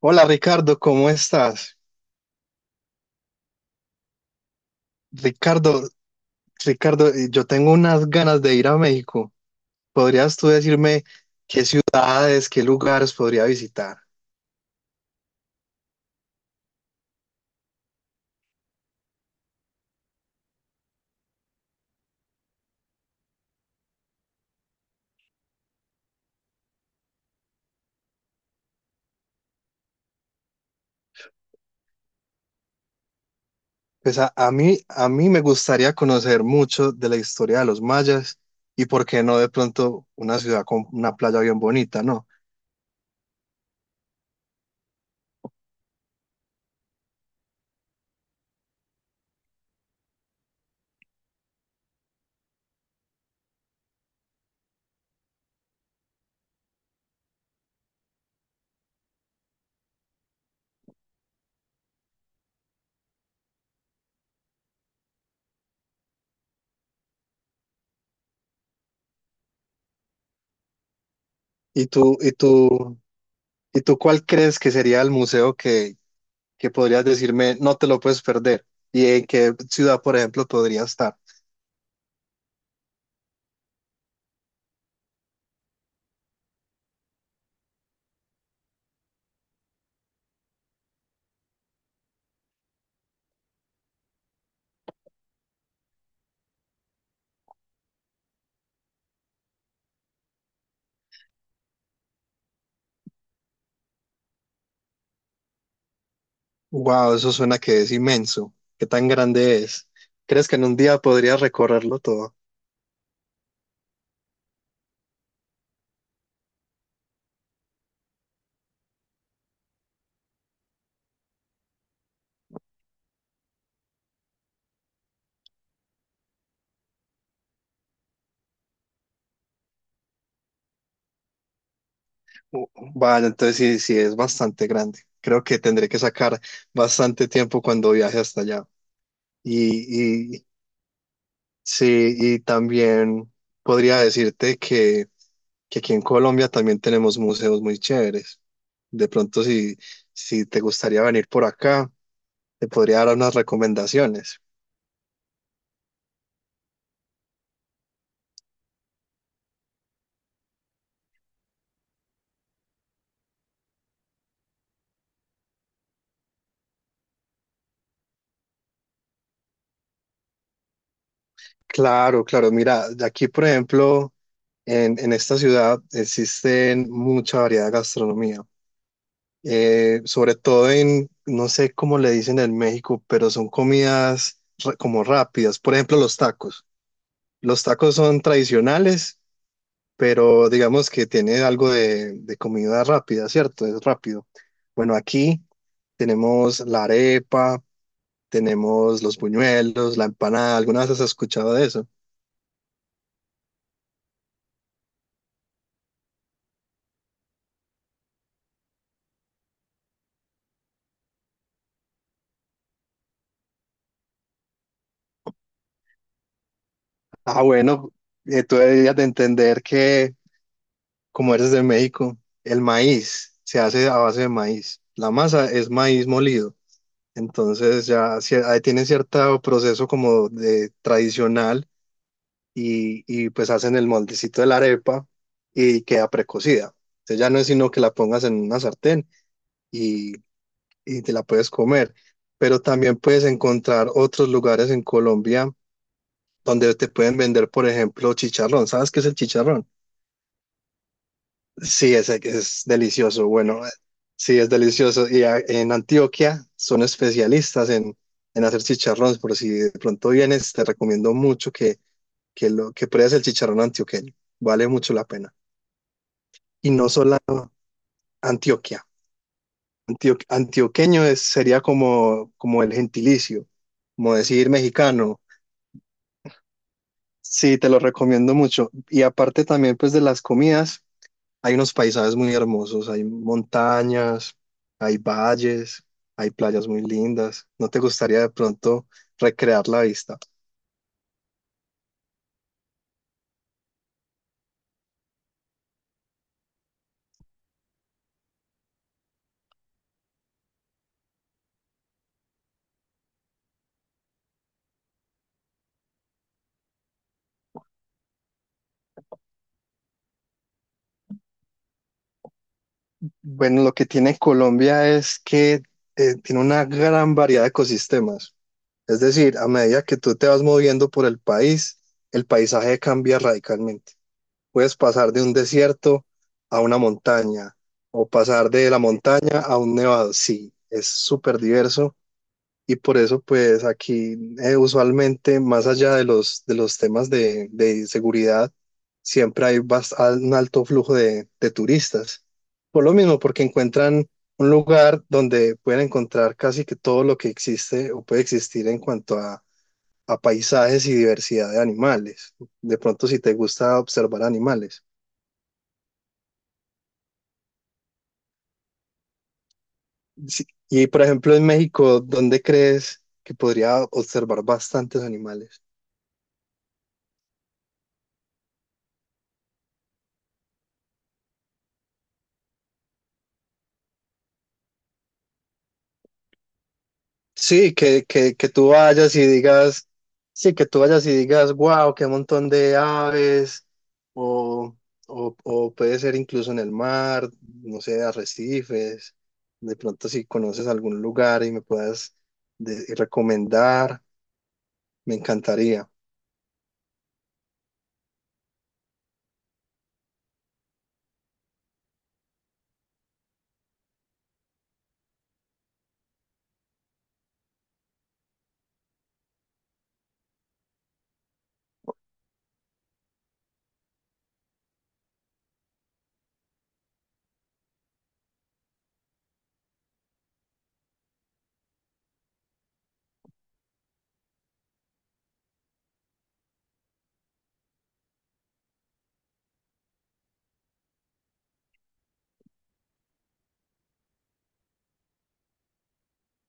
Hola Ricardo, ¿cómo estás? Ricardo, Ricardo, yo tengo unas ganas de ir a México. ¿Podrías tú decirme qué ciudades, qué lugares podría visitar? Pues a mí me gustaría conocer mucho de la historia de los mayas y por qué no de pronto una ciudad con una playa bien bonita, ¿no? ¿Y tú, y tú, y tú cuál crees que sería el museo que podrías decirme no te lo puedes perder? ¿Y en qué ciudad, por ejemplo, podría estar? Wow, eso suena que es inmenso. ¿Qué tan grande es? ¿Crees que en un día podría recorrerlo todo? Uh, Vale, entonces sí, sí es bastante grande. Creo que tendré que sacar bastante tiempo cuando viaje hasta allá. Y sí, y también podría decirte que aquí en Colombia también tenemos museos muy chéveres. De pronto, si te gustaría venir por acá, te podría dar unas recomendaciones. Claro, claro. Mira, de aquí, por ejemplo. En esta ciudad existen mucha variedad de gastronomía, sobre todo en, no sé cómo le dicen en México, pero son comidas como rápidas. Por ejemplo, los tacos. Los tacos son tradicionales, pero digamos que tiene algo de comida rápida, ¿cierto? Es rápido. Bueno, aquí tenemos la arepa, tenemos los buñuelos, la empanada. ¿Alguna vez has escuchado de eso? Ah, bueno, tú deberías de entender que como eres de México, el maíz se hace a base de maíz. La masa es maíz molido. Entonces ya ahí tiene cierto proceso como de tradicional y pues hacen el moldecito de la arepa y queda precocida. Entonces ya no es sino que la pongas en una sartén y, y te la puedes comer. Pero también puedes encontrar otros lugares en Colombia donde te pueden vender, por ejemplo, chicharrón. ¿Sabes qué es el chicharrón? Sí, ese que es delicioso. Bueno, sí, es delicioso. Y en Antioquia son especialistas en hacer chicharrones. Por si de pronto vienes, te recomiendo mucho que pruebes el chicharrón antioqueño. Vale mucho la pena. Y no solo Antioquia. Antioqueño es, sería como, como el gentilicio, como decir mexicano. Sí, te lo recomiendo mucho. Y aparte también pues de las comidas. Hay unos paisajes muy hermosos, hay montañas, hay valles, hay playas muy lindas. ¿No te gustaría de pronto recrear la vista? Bueno, lo que tiene Colombia es que tiene una gran variedad de ecosistemas. Es decir, a medida que tú te vas moviendo por el país, el paisaje cambia radicalmente. Puedes pasar de un desierto a una montaña o pasar de la montaña a un nevado. Sí, es súper diverso. Y por eso, pues aquí usualmente, más allá de los temas de seguridad, siempre hay un alto flujo de turistas. Por lo mismo, porque encuentran un lugar donde pueden encontrar casi que todo lo que existe o puede existir en cuanto a paisajes y diversidad de animales. De pronto, si te gusta observar animales. Sí. Y por ejemplo, en México, ¿dónde crees que podría observar bastantes animales? Sí, que tú vayas y digas, sí, que tú vayas y digas, wow, qué montón de aves, o, o puede ser incluso en el mar, no sé, arrecifes, de pronto si conoces algún lugar y me puedas recomendar, me encantaría.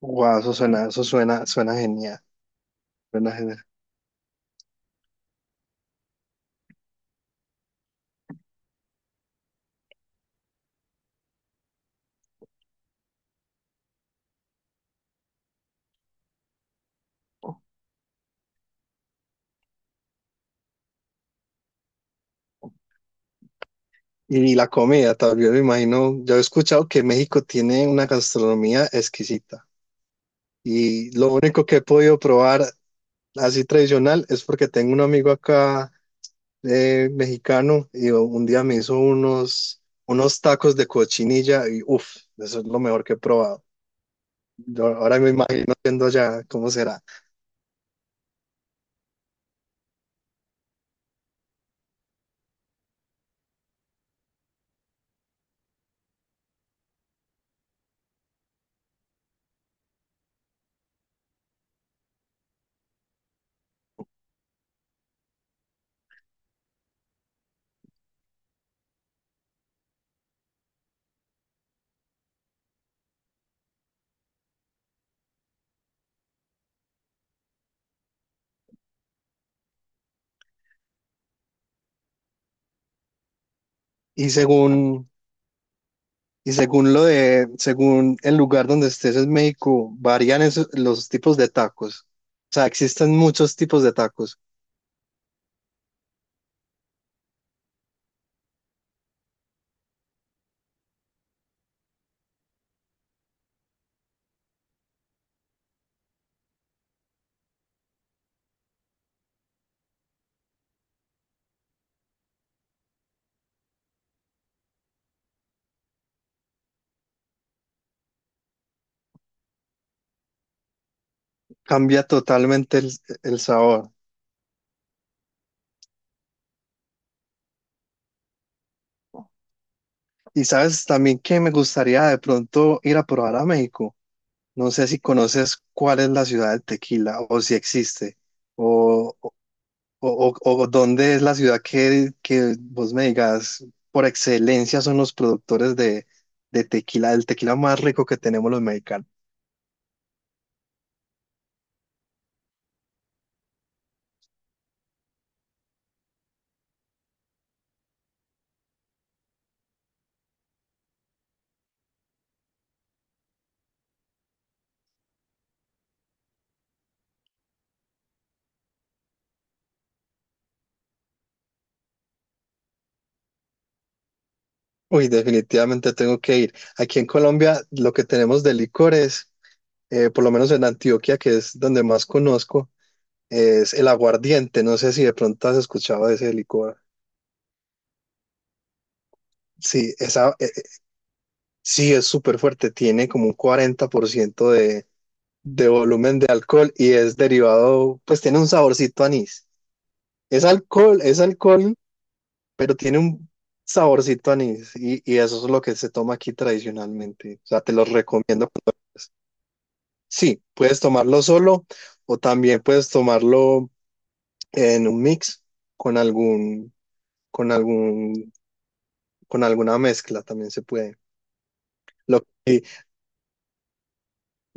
Wow, eso suena genial, suena genial. Y la comida, también me imagino, yo he escuchado que México tiene una gastronomía exquisita. Y lo único que he podido probar así tradicional es porque tengo un amigo acá mexicano y un día me hizo unos tacos de cochinilla y uff, eso es lo mejor que he probado. Yo ahora me imagino viendo allá cómo será. Y según, según según el lugar donde estés en México, varían los tipos de tacos. O sea, existen muchos tipos de tacos. Cambia totalmente el sabor. Y sabes también que me gustaría de pronto ir a probar a México. No sé si conoces cuál es la ciudad del tequila o si existe o, o, o dónde es la ciudad que vos me digas por excelencia son los productores de tequila, el tequila más rico que tenemos los mexicanos. Uy, definitivamente tengo que ir. Aquí en Colombia lo que tenemos de licores, por lo menos en Antioquia, que es donde más conozco, es el aguardiente. No sé si de pronto has escuchado de ese licor. Sí, esa, Sí, es súper fuerte, tiene como un 40% de volumen de alcohol y es derivado, pues tiene un saborcito a anís. Es alcohol, pero tiene un saborcito a anís y eso es lo que se toma aquí tradicionalmente. O sea, te lo recomiendo. Sí, puedes tomarlo solo o también puedes tomarlo en un mix con algún, con con alguna mezcla, también se puede. Lo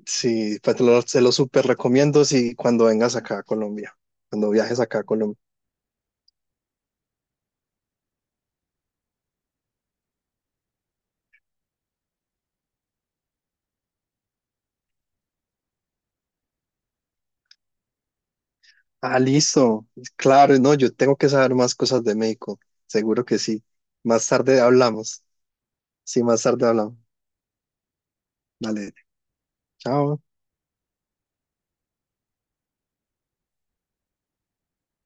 Sí, se lo súper recomiendo si cuando vengas acá a Colombia, cuando viajes acá a Colombia. Ah, listo. Claro, no, yo tengo que saber más cosas de México. Seguro que sí. Más tarde hablamos. Sí, más tarde hablamos. Dale, chao.